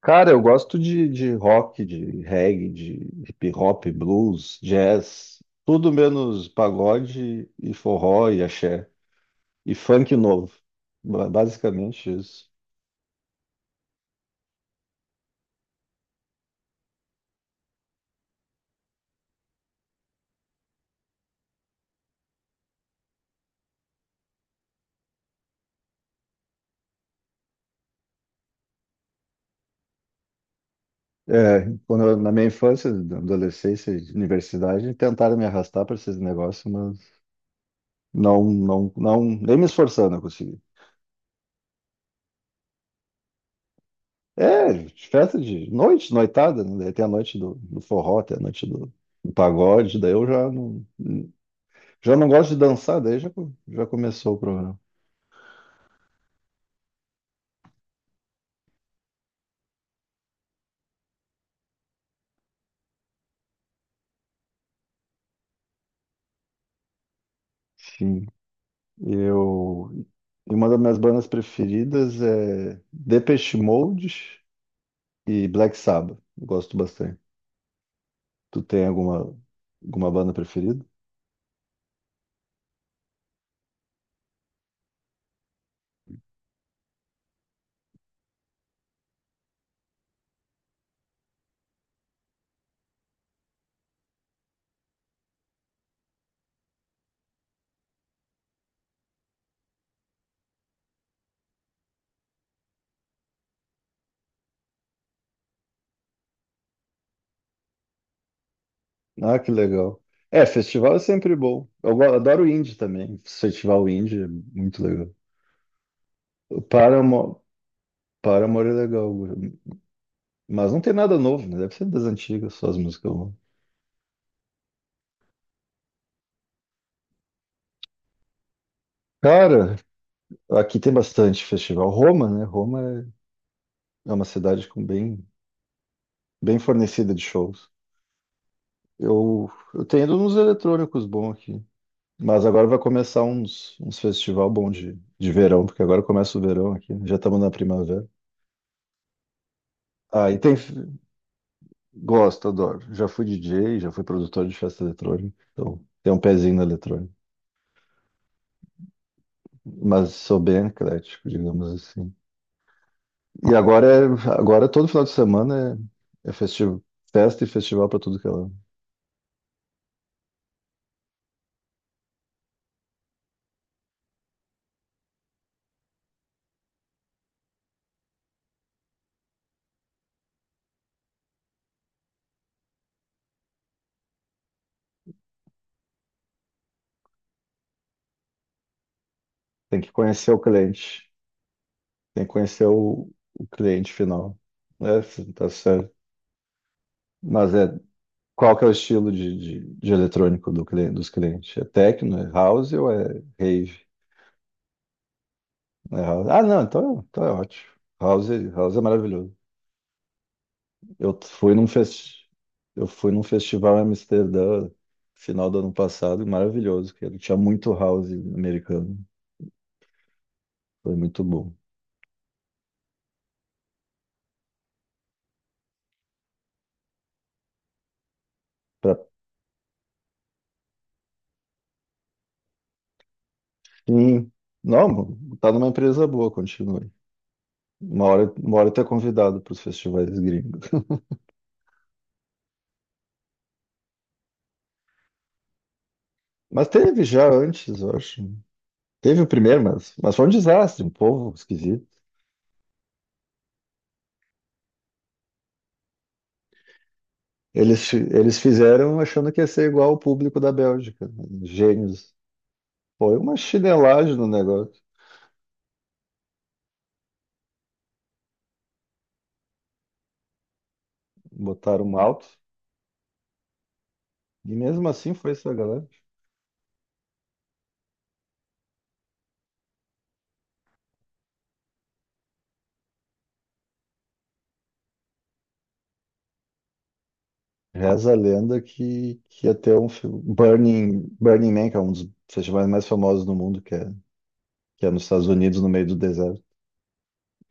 Cara, eu gosto de rock, de reggae, de hip hop, blues, jazz, tudo menos pagode e forró e axé e funk novo. Basicamente isso. É, quando na minha infância, na adolescência, e universidade, tentaram me arrastar para esses negócios, mas não, não, não, nem me esforçando eu consegui. É, de festa de noite, noitada, né? Daí tem a noite do forró, tem a noite do pagode, daí eu já não. Já não gosto de dançar, daí já, já começou o programa. Enfim, eu. E uma das minhas bandas preferidas é Depeche Mode e Black Sabbath. Eu gosto bastante. Tu tem alguma banda preferida? Ah, que legal. É, festival é sempre bom. Eu adoro indie também. Festival indie é muito legal. O Paramore é legal. Mas não tem nada novo, né? Deve ser das antigas, só as músicas novas. Cara, aqui tem bastante festival. Roma, né? Roma é uma cidade com bem fornecida de shows. Eu tenho ido nos eletrônicos bons aqui. Mas agora vai começar uns festival bom de verão, porque agora começa o verão aqui, né? Já estamos na primavera. Ah, e tem. Gosto, adoro. Já fui DJ, já fui produtor de festa eletrônica. Então, tem um pezinho na eletrônica. Mas sou bem eclético, digamos assim. E agora, todo final de semana é festivo, festa e festival para tudo que é lá. Tem que conhecer o cliente. Tem que conhecer o cliente final. É, tá certo. Mas qual que é o estilo de eletrônico do cliente, dos clientes? É techno, é house ou é rave? É house. Ah, não, então é ótimo. House, house é maravilhoso. Eu fui num fest... eu fui num festival em Amsterdã, final do ano passado, e maravilhoso, que ele tinha muito house americano. Foi muito bom. Pra... Sim. Não, tá numa empresa boa, continue. Uma hora, tu é convidado para os festivais gringos. Mas teve já antes, eu acho. Teve o primeiro, mas foi um desastre, um povo esquisito. Eles fizeram achando que ia ser igual o público da Bélgica, né? Gênios. Foi uma chinelagem no negócio. Botaram um alto. E mesmo assim foi essa galera. Reza a lenda que ia ter um filme. Burning Man, que é um dos festivais mais famosos do mundo, que é nos Estados Unidos, no meio do deserto.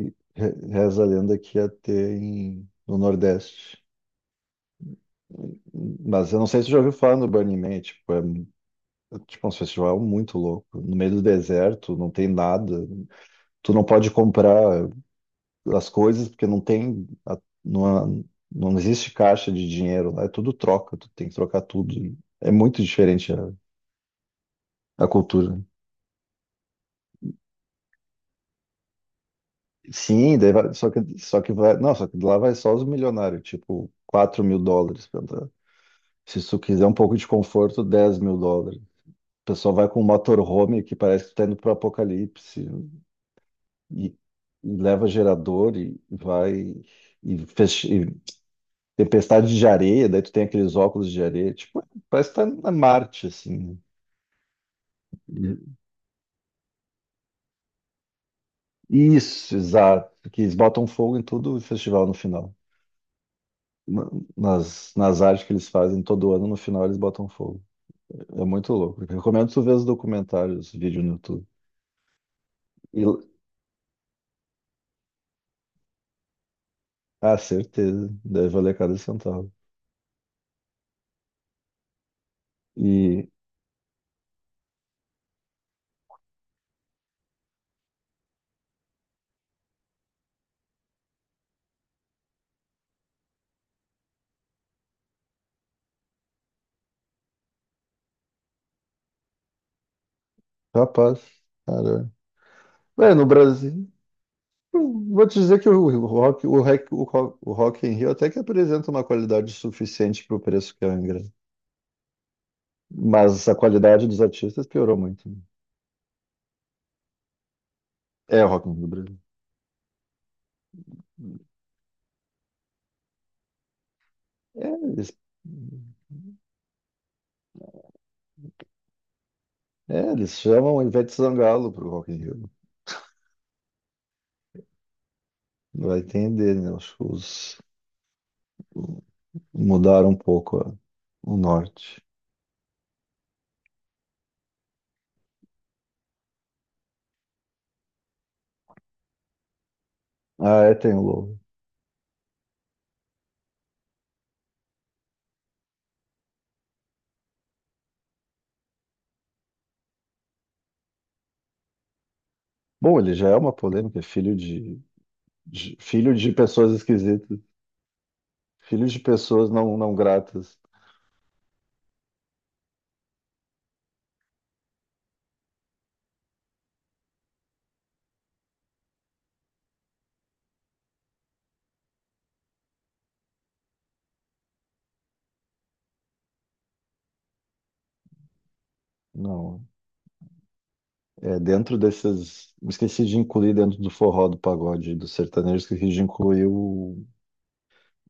Reza a lenda que ia ter no Nordeste. Mas eu não sei se você já ouviu falar no Burning Man, tipo, um festival muito louco. No meio do deserto, não tem nada. Tu não pode comprar as coisas porque não tem, não não existe caixa de dinheiro lá, é tudo troca, tu tem que trocar tudo. É muito diferente a cultura. Sim, só que vai, não, só que lá vai só os milionários, tipo, US$ 4.000 pra entrar. Se tu quiser um pouco de conforto, US$ 10.000. O pessoal vai com um motorhome que parece que tá indo pro apocalipse. e, e leva gerador e vai e tempestade de areia, daí tu tem aqueles óculos de areia, tipo, parece que tá na Marte, assim, né? Isso, exato. Que eles botam fogo em todo o festival no final. Na- nas artes que eles fazem todo ano, no final eles botam fogo. É muito louco. Eu recomendo tu ver os documentários, os vídeos no YouTube. E, ah, certeza. Deve valer cada centavo. E, Rapaz, caramba. Ué, no Brasil. Eu vou te dizer que o Rock, o Rock, o Rock, o Rock in Rio até que apresenta uma qualidade suficiente para o preço que é o ingresso. Mas a qualidade dos artistas piorou muito. É o Rock in Rio do Brasil. É, eles, eles chamam Ivete Sangalo para o Rock in Rio. Vai entender, né? Os shows mudaram um pouco o norte. Ah, é, tem o Lobo. Bom, ele já é uma polêmica, é filho filho de pessoas esquisitas, filho de pessoas não gratas. Não, é, dentro desses. Eu esqueci de incluir dentro do forró, do pagode, do sertanejo, esqueci de incluir o,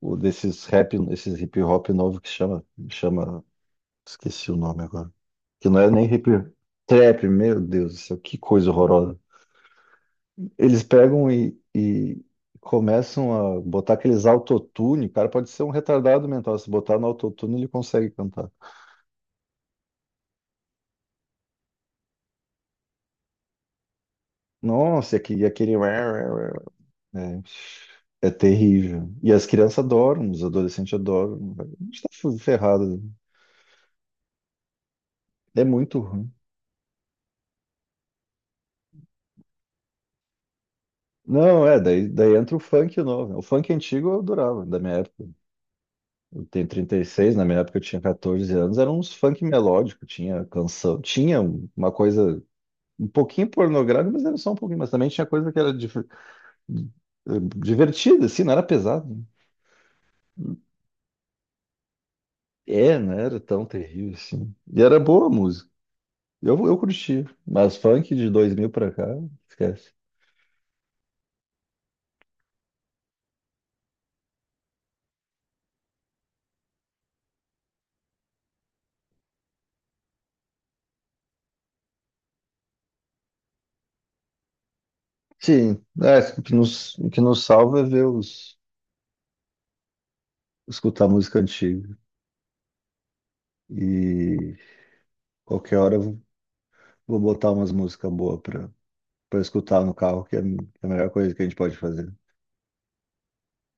o desses rap, esses hip hop novo que chama. Esqueci o nome agora. Que não é nem hip trap, meu Deus do céu, que coisa horrorosa. Eles pegam e começam a botar aqueles autotune. O cara pode ser um retardado mental. Se botar no autotune, ele consegue cantar. Nossa, e aquele. É terrível. E as crianças adoram, os adolescentes adoram. A gente tá ferrado. É muito ruim. Não, é, daí entra o funk novo. O funk antigo eu adorava, da minha época. Eu tenho 36, na minha época eu tinha 14 anos, era uns funk melódico, tinha canção, tinha uma coisa um pouquinho pornográfica, mas era só um pouquinho, mas também tinha coisa que era divertida, assim, não era pesado. É, não era tão terrível assim. E era boa a música. Eu curti, mas funk de 2000 pra cá, esquece. Sim, é, o que nos salva é escutar música antiga. E qualquer hora eu vou botar umas músicas boas pra escutar no carro, que é a melhor coisa que a gente pode fazer.